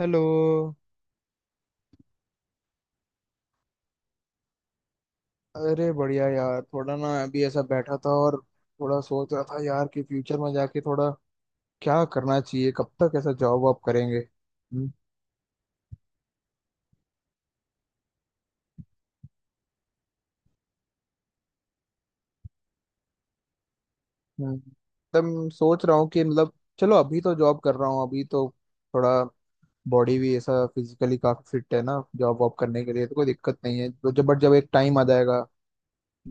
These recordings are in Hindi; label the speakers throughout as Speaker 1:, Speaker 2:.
Speaker 1: हेलो। अरे बढ़िया यार, थोड़ा ना अभी ऐसा बैठा था और थोड़ा सोच रहा था यार कि फ्यूचर में जाके थोड़ा क्या करना चाहिए। कब तक ऐसा जॉब वॉब करेंगे? एकदम सोच रहा हूँ कि मतलब चलो, अभी तो जॉब कर रहा हूँ। अभी तो थोड़ा बॉडी भी ऐसा फिजिकली काफी फिट है ना जॉब वॉब करने के लिए, तो कोई दिक्कत नहीं है। तो जब एक टाइम आ जाएगा,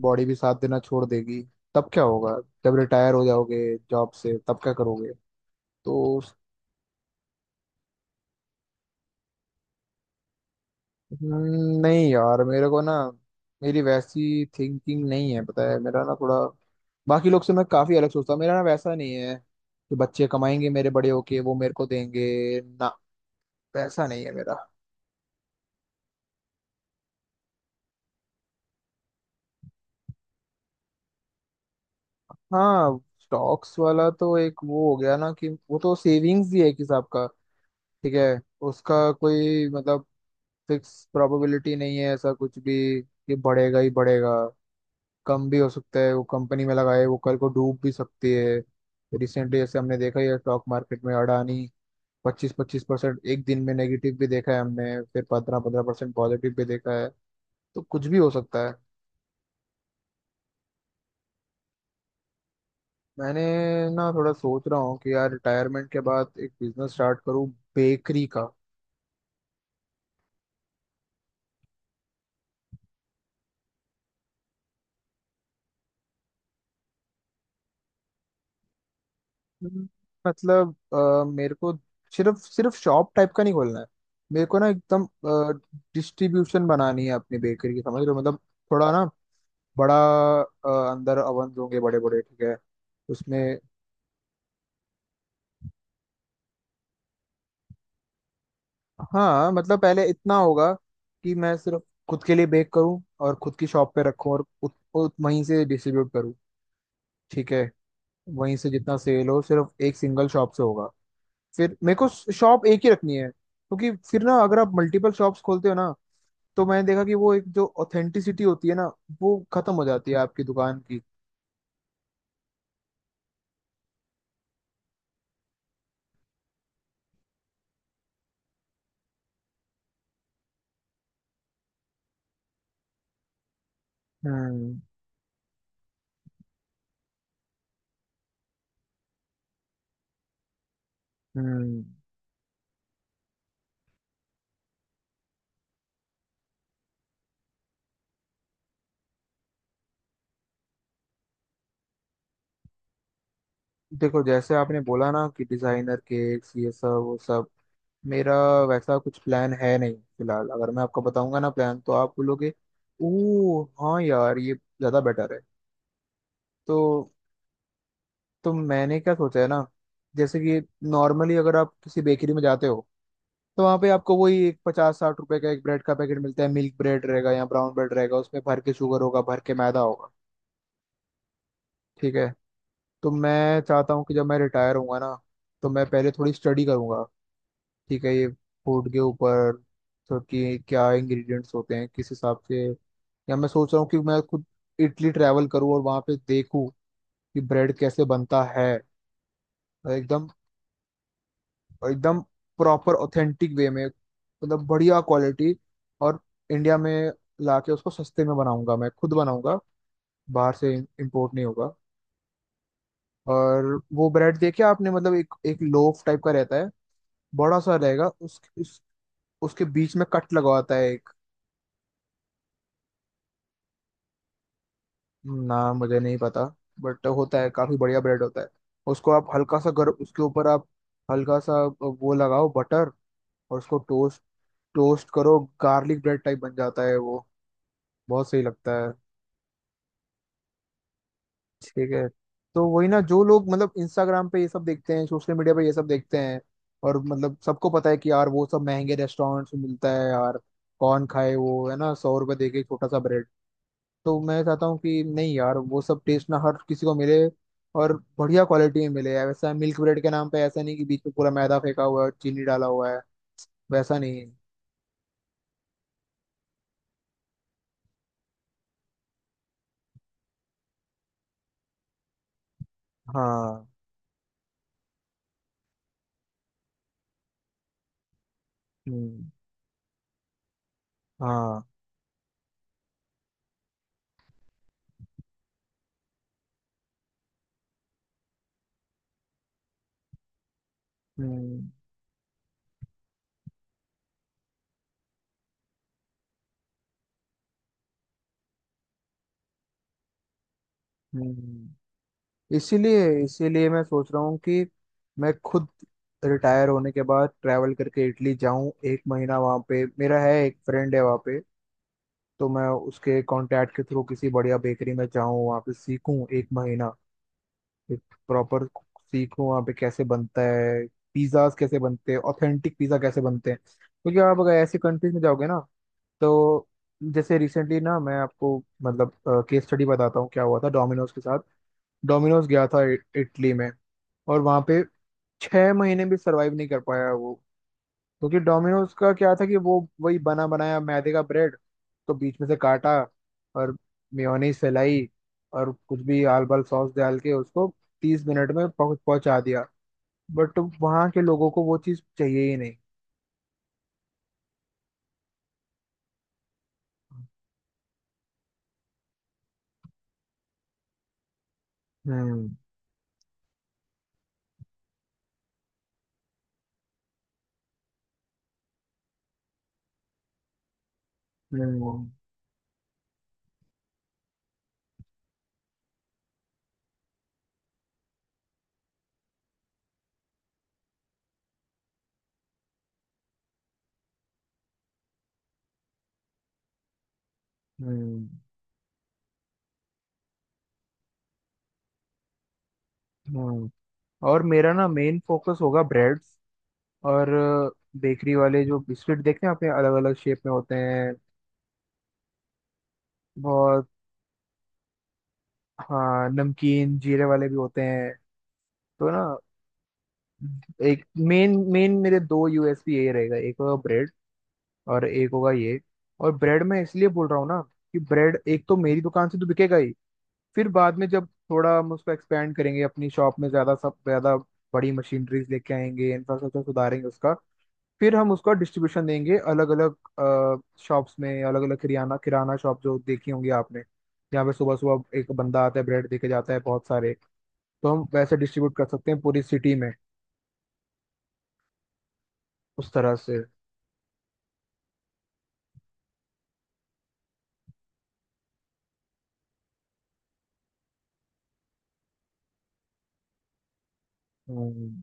Speaker 1: बॉडी भी साथ देना छोड़ देगी, तब क्या होगा? जब रिटायर हो जाओगे जॉब से, तब क्या करोगे? तो नहीं यार, मेरे को ना मेरी वैसी थिंकिंग नहीं है। पता है, मेरा ना थोड़ा बाकी लोग से मैं काफी अलग सोचता हूँ। मेरा ना वैसा नहीं है कि बच्चे कमाएंगे मेरे, बड़े होके वो मेरे को देंगे ना, वैसा नहीं है मेरा। हाँ, स्टॉक्स वाला तो एक वो हो गया ना कि वो तो सेविंग्स ही है एक हिसाब का। ठीक है, उसका कोई मतलब फिक्स प्रोबेबिलिटी नहीं है ऐसा कुछ भी कि बढ़ेगा ही बढ़ेगा। कम भी हो सकता है। वो कंपनी में लगाए, वो कल को डूब भी सकती है। रिसेंटली जैसे हमने देखा ही है स्टॉक मार्केट में, अडानी 25-25% एक दिन में नेगेटिव भी देखा है हमने। फिर 15-15% पॉजिटिव भी देखा है। तो कुछ भी हो सकता है। मैंने ना थोड़ा सोच रहा हूँ कि यार रिटायरमेंट के बाद एक बिजनेस स्टार्ट करूँ, बेकरी का। हम्म, मतलब मेरे को सिर्फ सिर्फ शॉप टाइप का नहीं खोलना है। मेरे को ना एकदम डिस्ट्रीब्यूशन बनानी है अपनी बेकरी की, समझ रहे हो मतलब? थोड़ा ना बड़ा, अंदर ओवन होंगे बड़े बड़े, ठीक है? उसमें हाँ मतलब पहले इतना होगा कि मैं सिर्फ खुद के लिए बेक करूं और खुद की शॉप पे रखूं और उत, उत, वहीं से डिस्ट्रीब्यूट करूं। ठीक है, वहीं से जितना सेल हो सिर्फ एक सिंगल शॉप से होगा। फिर मेरे को शॉप एक ही रखनी है क्योंकि फिर ना अगर आप मल्टीपल शॉप्स खोलते हो ना, तो मैंने देखा कि वो एक जो ऑथेंटिसिटी होती है ना, वो खत्म हो जाती है आपकी दुकान की। हम्म हम्म। देखो, जैसे आपने बोला ना कि डिजाइनर केक्स ये सब वो सब, मेरा वैसा कुछ प्लान है नहीं फिलहाल। अगर मैं आपको बताऊंगा ना प्लान, तो आप बोलोगे, ओ हाँ यार, ये ज्यादा बेटर है। तो तो मैंने क्या सोचा है ना, जैसे कि नॉर्मली अगर आप किसी बेकरी में जाते हो, तो वहाँ पे आपको वही एक 50-60 रुपए का एक ब्रेड का पैकेट मिलता है। मिल्क ब्रेड रहेगा या ब्राउन ब्रेड रहेगा, उसमें भर के शुगर होगा, भर के मैदा होगा। ठीक है, तो मैं चाहता हूँ कि जब मैं रिटायर होऊंगा ना, तो मैं पहले थोड़ी स्टडी करूंगा, ठीक है? ये फूड के ऊपर। तो कि क्या इंग्रेडिएंट्स होते हैं किस हिसाब से। या मैं सोच रहा हूँ कि मैं खुद इटली ट्रैवल करूँ और वहाँ पे देखूँ कि ब्रेड कैसे बनता है। और एकदम एकदम प्रॉपर ऑथेंटिक वे में, मतलब बढ़िया क्वालिटी। और इंडिया में लाके उसको सस्ते में बनाऊंगा। मैं खुद बनाऊंगा, बाहर से इम्पोर्ट नहीं होगा। और वो ब्रेड देखिए आपने, मतलब एक एक लोफ टाइप का रहता है, बड़ा सा रहेगा उस उसके बीच में कट लगवाता है। ना मुझे नहीं पता, बट होता है काफी बढ़िया ब्रेड होता है। उसको आप हल्का सा गर्म, उसके ऊपर आप हल्का सा वो लगाओ बटर, और उसको टोस्ट, टोस्ट करो, गार्लिक ब्रेड टाइप बन जाता है वो। बहुत सही लगता है। ठीक है, तो वही ना जो लोग मतलब इंस्टाग्राम पे ये सब देखते हैं, सोशल मीडिया पे ये सब देखते हैं, और मतलब सबको पता है कि यार वो सब महंगे रेस्टोरेंट्स में मिलता है यार, कौन खाए वो है ना, 100 रुपए दे के एक छोटा सा ब्रेड। तो मैं चाहता हूँ कि नहीं यार, वो सब टेस्ट ना हर किसी को मिले और बढ़िया क्वालिटी में मिले यार। वैसा मिल्क ब्रेड के नाम पे ऐसा नहीं कि बीच में पूरा मैदा फेंका हुआ है और चीनी डाला हुआ है। वैसा नहीं है। हाँ। हम्म। हाँ। हम्म हम्म। इसीलिए इसीलिए मैं सोच रहा हूँ कि मैं खुद रिटायर होने के बाद ट्रैवल करके इटली जाऊं, एक महीना वहाँ पे। मेरा है एक फ्रेंड है वहाँ पे, तो मैं उसके कांटेक्ट के थ्रू किसी बढ़िया बेकरी में जाऊं, वहाँ पे सीखूं एक महीना, एक प्रॉपर सीखो वहाँ पे कैसे बनता है, पिज्ज़ाज कैसे बनते हैं, ऑथेंटिक पिज़्ज़ा कैसे बनते हैं, क्योंकि आप अगर ऐसी कंट्रीज में जाओगे ना। तो जैसे रिसेंटली ना, मैं आपको मतलब केस स्टडी बताता हूँ क्या हुआ था डोमिनोज के साथ। डोमिनोज गया था इटली में, और वहाँ पे 6 महीने भी सरवाइव नहीं कर पाया वो, क्योंकि डोमिनोज का क्या था कि वो वही बना बनाया मैदे का ब्रेड, तो बीच में से काटा और मेयोनीज फैलाई और कुछ भी आल बाल सॉस डाल के उसको 30 मिनट में पहुंचा दिया। बट वहाँ के लोगों को वो चीज़ चाहिए ही नहीं। हम्म हम्म हम्म। हम्म। और मेरा ना मेन फोकस होगा ब्रेड्स, और बेकरी वाले जो बिस्किट देखते हैं अपने अलग अलग शेप में होते हैं। बहुत। हाँ, नमकीन जीरे वाले भी होते हैं। तो ना एक, मेन मेन मेरे दो यूएसपी यही रहेगा, एक होगा ब्रेड और एक होगा ये। और ब्रेड मैं इसलिए बोल रहा हूँ ना कि ब्रेड एक तो मेरी दुकान से तो बिकेगा ही, फिर बाद में जब थोड़ा हम उसको एक्सपेंड करेंगे अपनी शॉप में ज्यादा, सब ज्यादा बड़ी मशीनरीज लेके आएंगे, इंफ्रास्ट्रक्चर सुधारेंगे उसका, फिर हम उसका डिस्ट्रीब्यूशन देंगे अलग अलग शॉप्स में, अलग अलग किराना किराना शॉप जो देखी होंगी आपने, जहाँ पे सुबह सुबह एक बंदा आता है ब्रेड देके जाता है बहुत सारे, तो हम वैसे डिस्ट्रीब्यूट कर सकते हैं पूरी सिटी में उस तरह से। हम्म,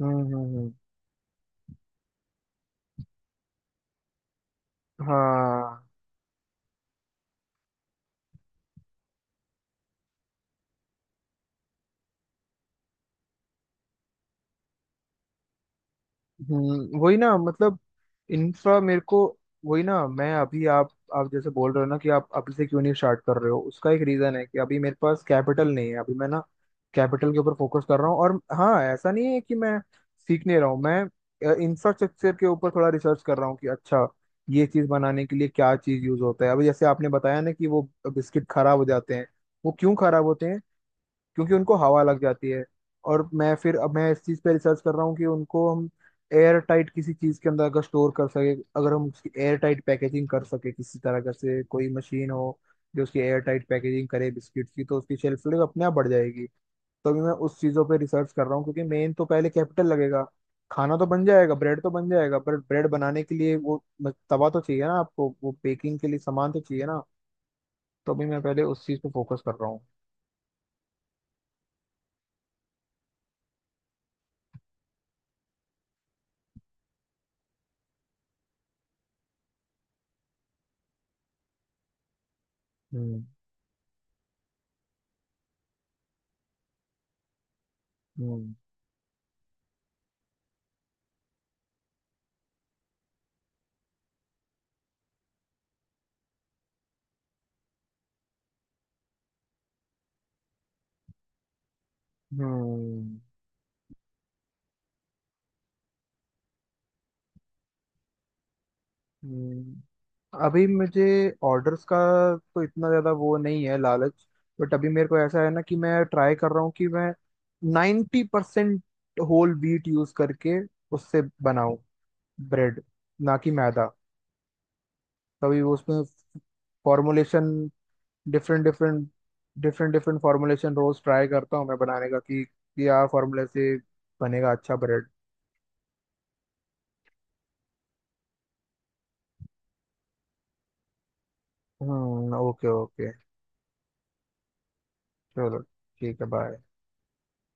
Speaker 1: हम्म हम्म हम्म, हाँ हम्म। वही ना मतलब इंफ्रा मेरे को वही ना मैं अभी आप जैसे बोल रहे हो ना कि आप अभी से क्यों नहीं स्टार्ट कर रहे हो, उसका एक रीजन है कि अभी मेरे पास कैपिटल नहीं है। अभी मैं ना कैपिटल के ऊपर फोकस कर रहा हूँ। और हाँ, ऐसा नहीं है कि मैं सीख नहीं रहा हूँ। मैं इंफ्रास्ट्रक्चर के ऊपर थोड़ा रिसर्च कर रहा हूँ कि अच्छा, ये चीज बनाने के लिए क्या चीज यूज होता है। अभी जैसे आपने बताया ना कि वो बिस्किट खराब हो जाते हैं, वो क्यों खराब होते हैं क्योंकि उनको हवा लग जाती है। और मैं फिर अब मैं इस चीज़ पे रिसर्च कर रहा हूँ कि उनको हम एयर टाइट किसी चीज़ के अंदर अगर स्टोर कर सके, अगर हम उसकी एयर टाइट पैकेजिंग कर सके किसी तरह का से, कोई मशीन हो जो उसकी एयर टाइट पैकेजिंग करे बिस्किट की, तो उसकी शेल्फ लाइफ अपने आप बढ़ जाएगी। तो अभी मैं उस चीज़ों पे रिसर्च कर रहा हूँ क्योंकि मेन तो पहले कैपिटल लगेगा। खाना तो बन जाएगा, ब्रेड तो बन जाएगा, पर ब्रेड बनाने के लिए वो तवा तो चाहिए ना आपको, वो बेकिंग के लिए सामान तो चाहिए ना। तो अभी मैं पहले उस चीज़ पे फोकस कर रहा हूँ। हम्म हम्म हम्म। हम्म, अभी मुझे ऑर्डर्स का तो इतना ज़्यादा वो नहीं है लालच। बट अभी मेरे को ऐसा है ना कि मैं ट्राई कर रहा हूँ कि मैं 90% होल व्हीट यूज़ करके उससे बनाऊँ ब्रेड, ना कि मैदा, तभी वो उसमें formulation different different different different formulation रोज़ ट्राई करता हूँ मैं बनाने का कि यार फॉर्मूले से बनेगा अच्छा ब्रेड। हम्म, ओके ओके, चलो ठीक है, बाय।